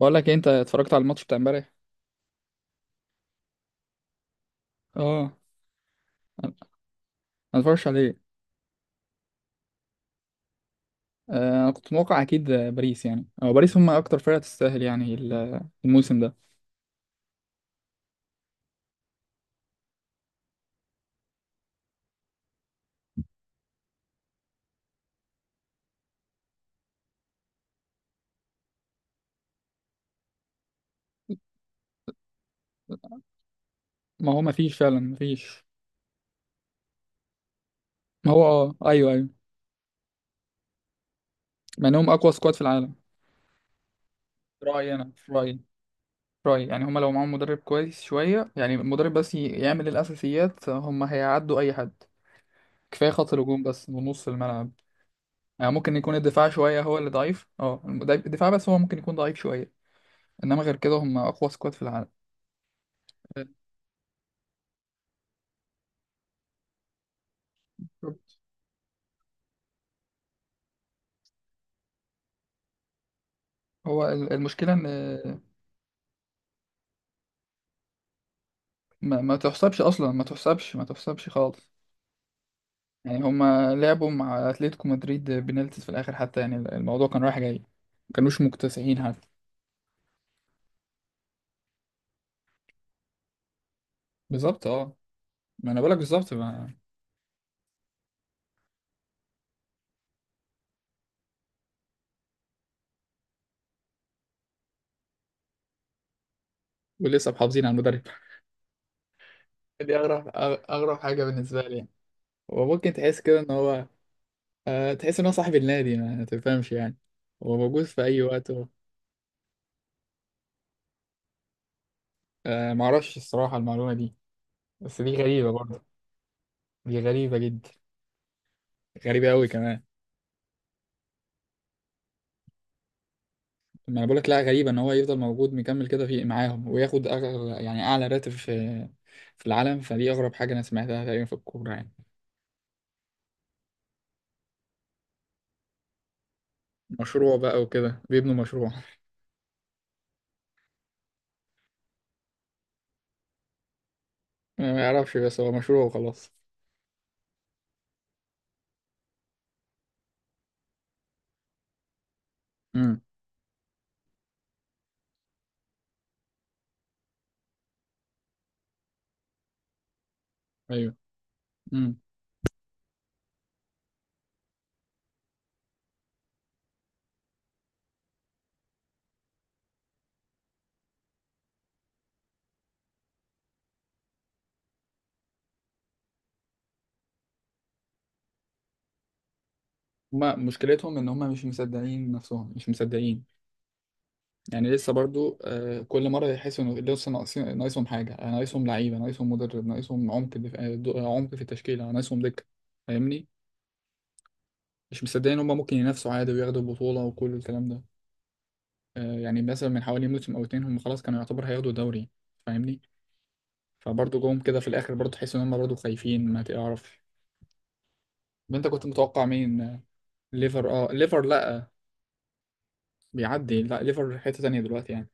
بقول لك إيه، انت اتفرجت على الماتش بتاع امبارح؟ اه. انا أنا اتفرجش عليه. انا كنت متوقع اكيد، باريس. يعني هو باريس، هم اكتر فرقه تستاهل يعني الموسم ده. ما هو ما فيش فعلا، ما فيش. ما هو اه، ايوه ايوه. مع انهم اقوى سكواد في العالم. في رايي، انا في رايي يعني هم لو معاهم مدرب كويس شويه، يعني المدرب بس يعمل الاساسيات، هم هيعدوا اي حد. كفايه خط الهجوم بس ونص الملعب. يعني ممكن يكون الدفاع شويه هو اللي ضعيف، اه، الدفاع بس هو ممكن يكون ضعيف شويه. انما غير كده هم اقوى سكواد في العالم. هو المشكلة إن ما تحسبش أصلا، ما تحسبش ما تحسبش خالص. يعني هما لعبوا مع أتلتيكو مدريد بنالتيز في الآخر حتى، يعني الموضوع كان رايح جاي. ما كانوش مكتسحين حتى. بالظبط اه. ما أنا بقولك بالظبط. ما ولسه محافظين على المدرب! دي أغرب أغرب حاجة بالنسبة لي يعني. هو ممكن تحس كده إن هو، آه، تحس إن هو صاحب النادي ما تفهمش يعني، هو موجود في أي وقت هو. آه، معرفش الصراحة المعلومة دي. بس دي غريبة برضه، دي غريبة جدا، غريبة أوي كمان. ما انا بقولك، لا غريبة ان هو يفضل موجود مكمل كده في معاهم وياخد يعني اعلى راتب في العالم. فدي اغرب حاجة انا سمعتها تقريبا في الكورة يعني. مشروع بقى وكده بيبنوا مشروع. ما يعرفش، بس هو مشروع وخلاص. امم ايوه. امم هما مشكلتهم ان هما مش مصدقين نفسهم، مش مصدقين، يعني لسه برضو. آه، كل مرة يحسوا ان لسه ناقصين، ناقصهم حاجة، ناقصهم لعيبة، ناقصهم مدرب، ناقصهم عمق دف... آه، دو- آه، عمق في التشكيلة، ناقصهم دكة. فاهمني، مش مصدقين ان هما ممكن ينافسوا عادي وياخدوا البطولة وكل الكلام ده. يعني مثلا من حوالي موسم او اتنين هم خلاص كانوا يعتبر هياخدوا دوري. فاهمني. فبرضه جم كده في الاخر برضه تحس ان هم برضه خايفين ما تعرف. طب انت كنت متوقع مين؟ ليفر؟ اه ليفر لا، بيعدي. لا ليفر في حتة تانية دلوقتي يعني،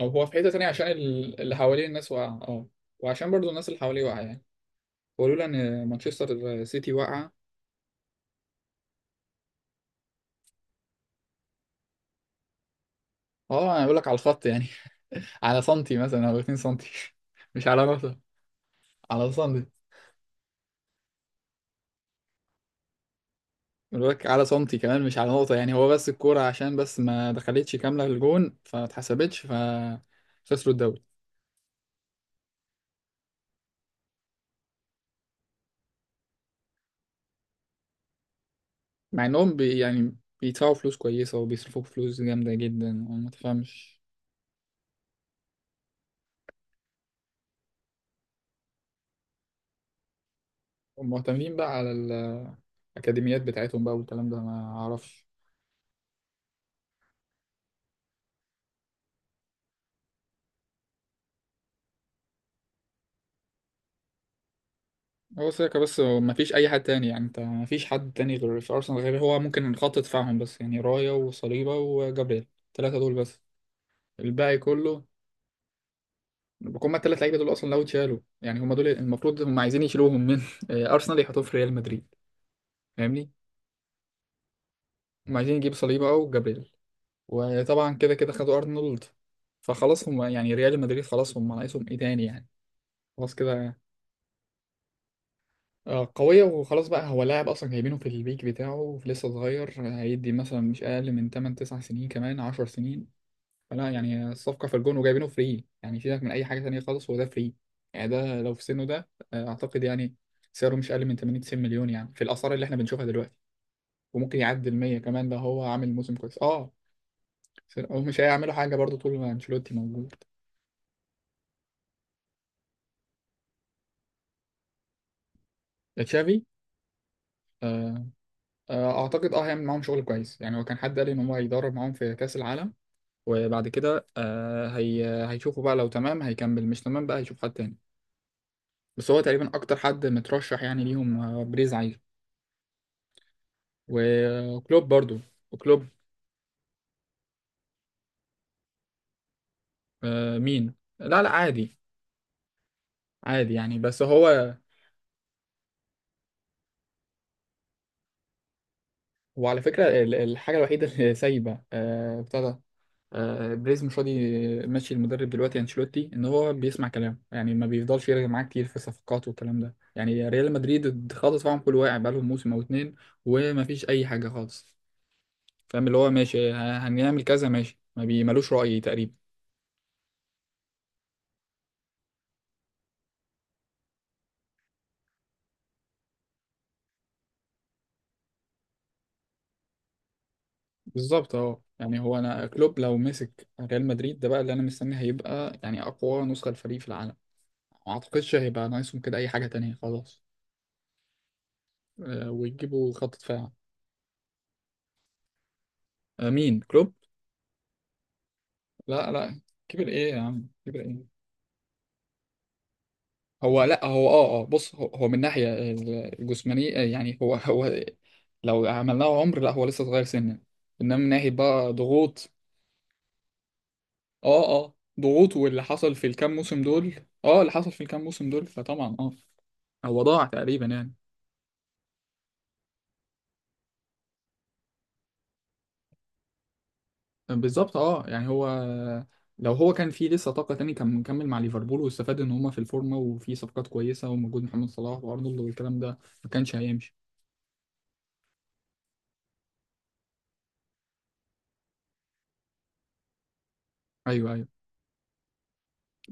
او هو في حتة تانية عشان اللي حواليه الناس واقعة، اه، وعشان برضه الناس اللي حواليه واقعة يعني، ولولا ان مانشستر سيتي واقعة. اه، انا بقول لك على الخط يعني، على سنتي مثلا او 2 سنتي. مش على نقطة. على سنتي، الباك على سنتي كمان، مش على نقطة. يعني هو بس الكورة عشان بس ما دخلتش كاملة للجون فما اتحسبتش فخسروا الدوري. مع انهم يعني بيدفعوا فلوس كويسة وبيصرفوا فلوس جامدة جدا، انا ما تفهمش. هم مهتمين بقى على الأكاديميات بتاعتهم بقى والكلام ده، ما أعرفش. هو ساكا بس، ما فيش أي حد تاني يعني. أنت ما فيش حد تاني غير في أرسنال غير هو ممكن خط دفاعهم بس يعني، رايا وصليبا وجابريل التلاتة دول بس. الباقي كله، هما الثلاث لعيبه دول اصلا لو اتشالوا يعني، هما دول المفروض هما عايزين يشيلوهم من ارسنال يحطوهم في ريال مدريد. فاهمني. هما عايزين يجيب صليبا او جابريل. وطبعا كده كده خدوا ارنولد. فخلاص هما يعني ريال مدريد خلاص، هما ناقصهم ايه تاني يعني؟ خلاص كده. قوية وخلاص بقى، هو لاعب أصلا جايبينه في البيك بتاعه لسه صغير، هيدي مثلا مش أقل من 8 9 سنين كمان 10 سنين. فلا يعني، الصفقة في الجون وجايبينه فري يعني، سيبك من أي حاجة تانية خالص، هو ده فري. يعني ده لو في سنه ده، أعتقد يعني سعره مش أقل من 80 90 مليون يعني، في الآثار اللي إحنا بنشوفها دلوقتي. وممكن يعدي ال 100 كمان، ده هو عامل موسم كويس أه. هو مش هيعملوا حاجة برضه طول ما أنشيلوتي موجود. تشافي؟ آه، أعتقد أه هيعمل معاهم شغل كويس يعني. هو كان حد قال إن هو هيدرب معاهم في كأس العالم، وبعد كده آه، هي هيشوفوا بقى، لو تمام هيكمل، مش تمام بقى هيشوف حد تاني. بس هو تقريبا أكتر حد مترشح يعني ليهم، بريز عايز. وكلوب برضو، وكلوب. مين؟ لا لا عادي، عادي يعني، بس هو، وعلى فكرة الحاجة الوحيدة اللي سايبة، آه، بتاع ده، آه، بريز مش راضي ماشي المدرب دلوقتي انشيلوتي ان هو بيسمع كلام يعني، ما بيفضلش يرجع معاه كتير في الصفقات والكلام ده. يعني ريال مدريد خالص، فاهم، كل واقع بقالهم موسم او اتنين وما فيش اي حاجة خالص. فاهم اللي هو ماشي، هنعمل كذا ماشي، ما بيملوش رأي تقريبا. بالظبط اه، يعني هو انا كلوب لو مسك ريال مدريد ده بقى، اللي انا مستني هيبقى يعني اقوى نسخه للفريق في العالم. ما اعتقدش هيبقى ناقصهم كده اي حاجه تانية خلاص. ويجيبوا خط دفاع. مين كلوب؟ لا لا، كبر ايه يا عم، كبر ايه! هو لا هو بص، هو من ناحيه الجسمانيه، يعني هو لو عملناه عمر، لا هو لسه صغير سنا. انما من ناحيه بقى ضغوط، اه ضغوط واللي حصل في الكام موسم دول. اه، اللي حصل في الكام موسم دول، فطبعا اه هو ضاع تقريبا يعني. بالظبط اه، يعني هو لو هو كان فيه لسه طاقة تاني كان مكمل مع ليفربول، واستفاد ان هما في الفورمة وفي صفقات كويسة وموجود محمد صلاح وارنولد والكلام ده. ما كانش هيمشي. ايوه ايوه.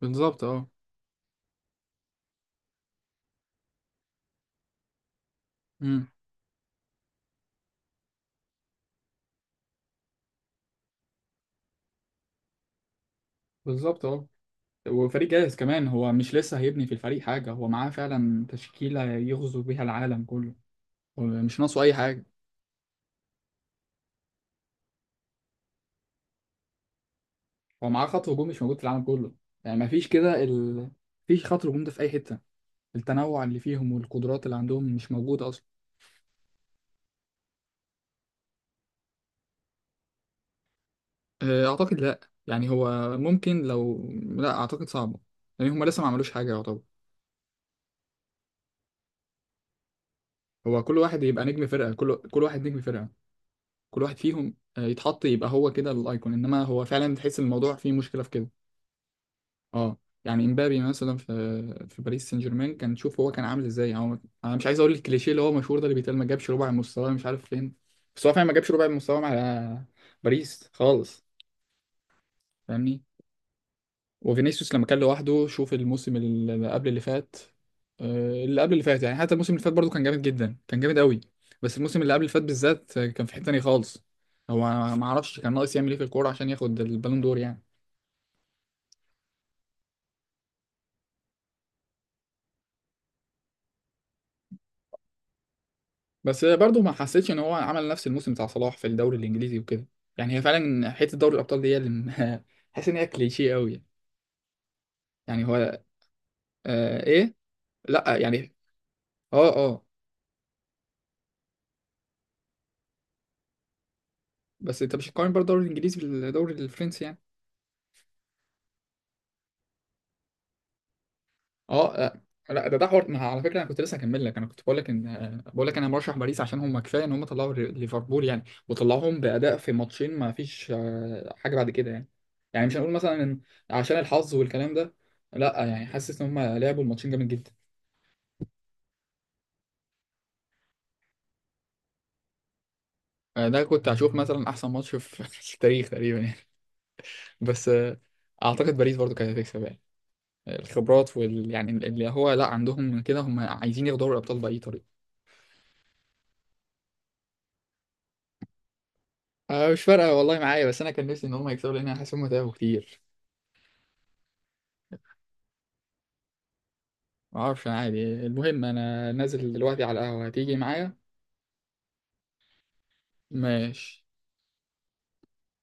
بالظبط اه. امم بالظبط اه. وفريق جاهز كمان، هو مش لسه هيبني في الفريق حاجة، هو معاه فعلا تشكيلة يغزو بيها العالم كله. هو مش ناقصه اي حاجة. هو معاه خط هجوم مش موجود في العالم كله. يعني مفيش كده مفيش خط هجوم ده في أي حتة. التنوع اللي فيهم والقدرات اللي عندهم مش موجودة أصلا. أعتقد لأ، يعني هو، ممكن لو، لأ أعتقد صعبة، لأن هما لسه ما عملوش حاجة يعتبر. هو كل واحد يبقى نجم فرقة، كل واحد نجم فرقة. كل واحد فيهم، يتحط يبقى هو كده الأيكون، إنما هو فعلا تحس إن الموضوع فيه مشكلة في كده. اه. يعني امبابي مثلا في باريس سان جيرمان كان، شوف هو كان عامل ازاي يعني. هو، انا مش عايز اقول الكليشيه اللي هو مشهور ده اللي بيتقال، ما جابش ربع مستواه مش عارف فين، بس هو فعلا ما جابش ربع مستواه مع باريس خالص. فاهمني. وفينيسيوس لما كان لوحده، شوف الموسم اللي قبل اللي فات، اللي قبل اللي فات، يعني حتى الموسم اللي فات برضه كان جامد جدا، كان جامد قوي. بس الموسم اللي قبل اللي فات بالذات، كان في حته تانيه خالص. هو، ما اعرفش كان ناقص يعمل ايه في الكوره عشان ياخد البالون دور يعني. بس برضه ما حسيتش ان هو عمل نفس الموسم بتاع صلاح في الدوري الانجليزي وكده. يعني هي فعلا حته دوري الابطال دي هي اللي حاسس ان هي كليشيه قوي يعني. يعني هو، آه ايه لا يعني اه اه بس انت مش هتقارن برضه الدوري الانجليزي بالدوري الفرنسي يعني. اه آه. لا ده حوار، ما على فكره انا كنت لسه هكمل لك. انا كنت بقول لك ان، بقول لك انا مرشح باريس عشان هم كفايه ان هم طلعوا ليفربول يعني، وطلعوهم باداء في ماتشين، ما فيش حاجه بعد كده يعني. يعني مش هنقول مثلا إن عشان الحظ والكلام ده، لا يعني، حاسس ان هم لعبوا الماتشين جامد جدا. ده كنت هشوف مثلا احسن ماتش في في التاريخ تقريبا يعني. بس اعتقد باريس برضو كانت هتكسب يعني، الخبرات يعني اللي هو لا عندهم من كده، هم عايزين ياخدوا دوري الابطال باي طريقه. مش فارقه والله معايا، بس انا كان نفسي ان هم يكسبوا لان انا حاسس هم تعبوا كتير. ما اعرفش انا عادي، المهم انا نازل دلوقتي على القهوه، هتيجي معايا؟ ماشي.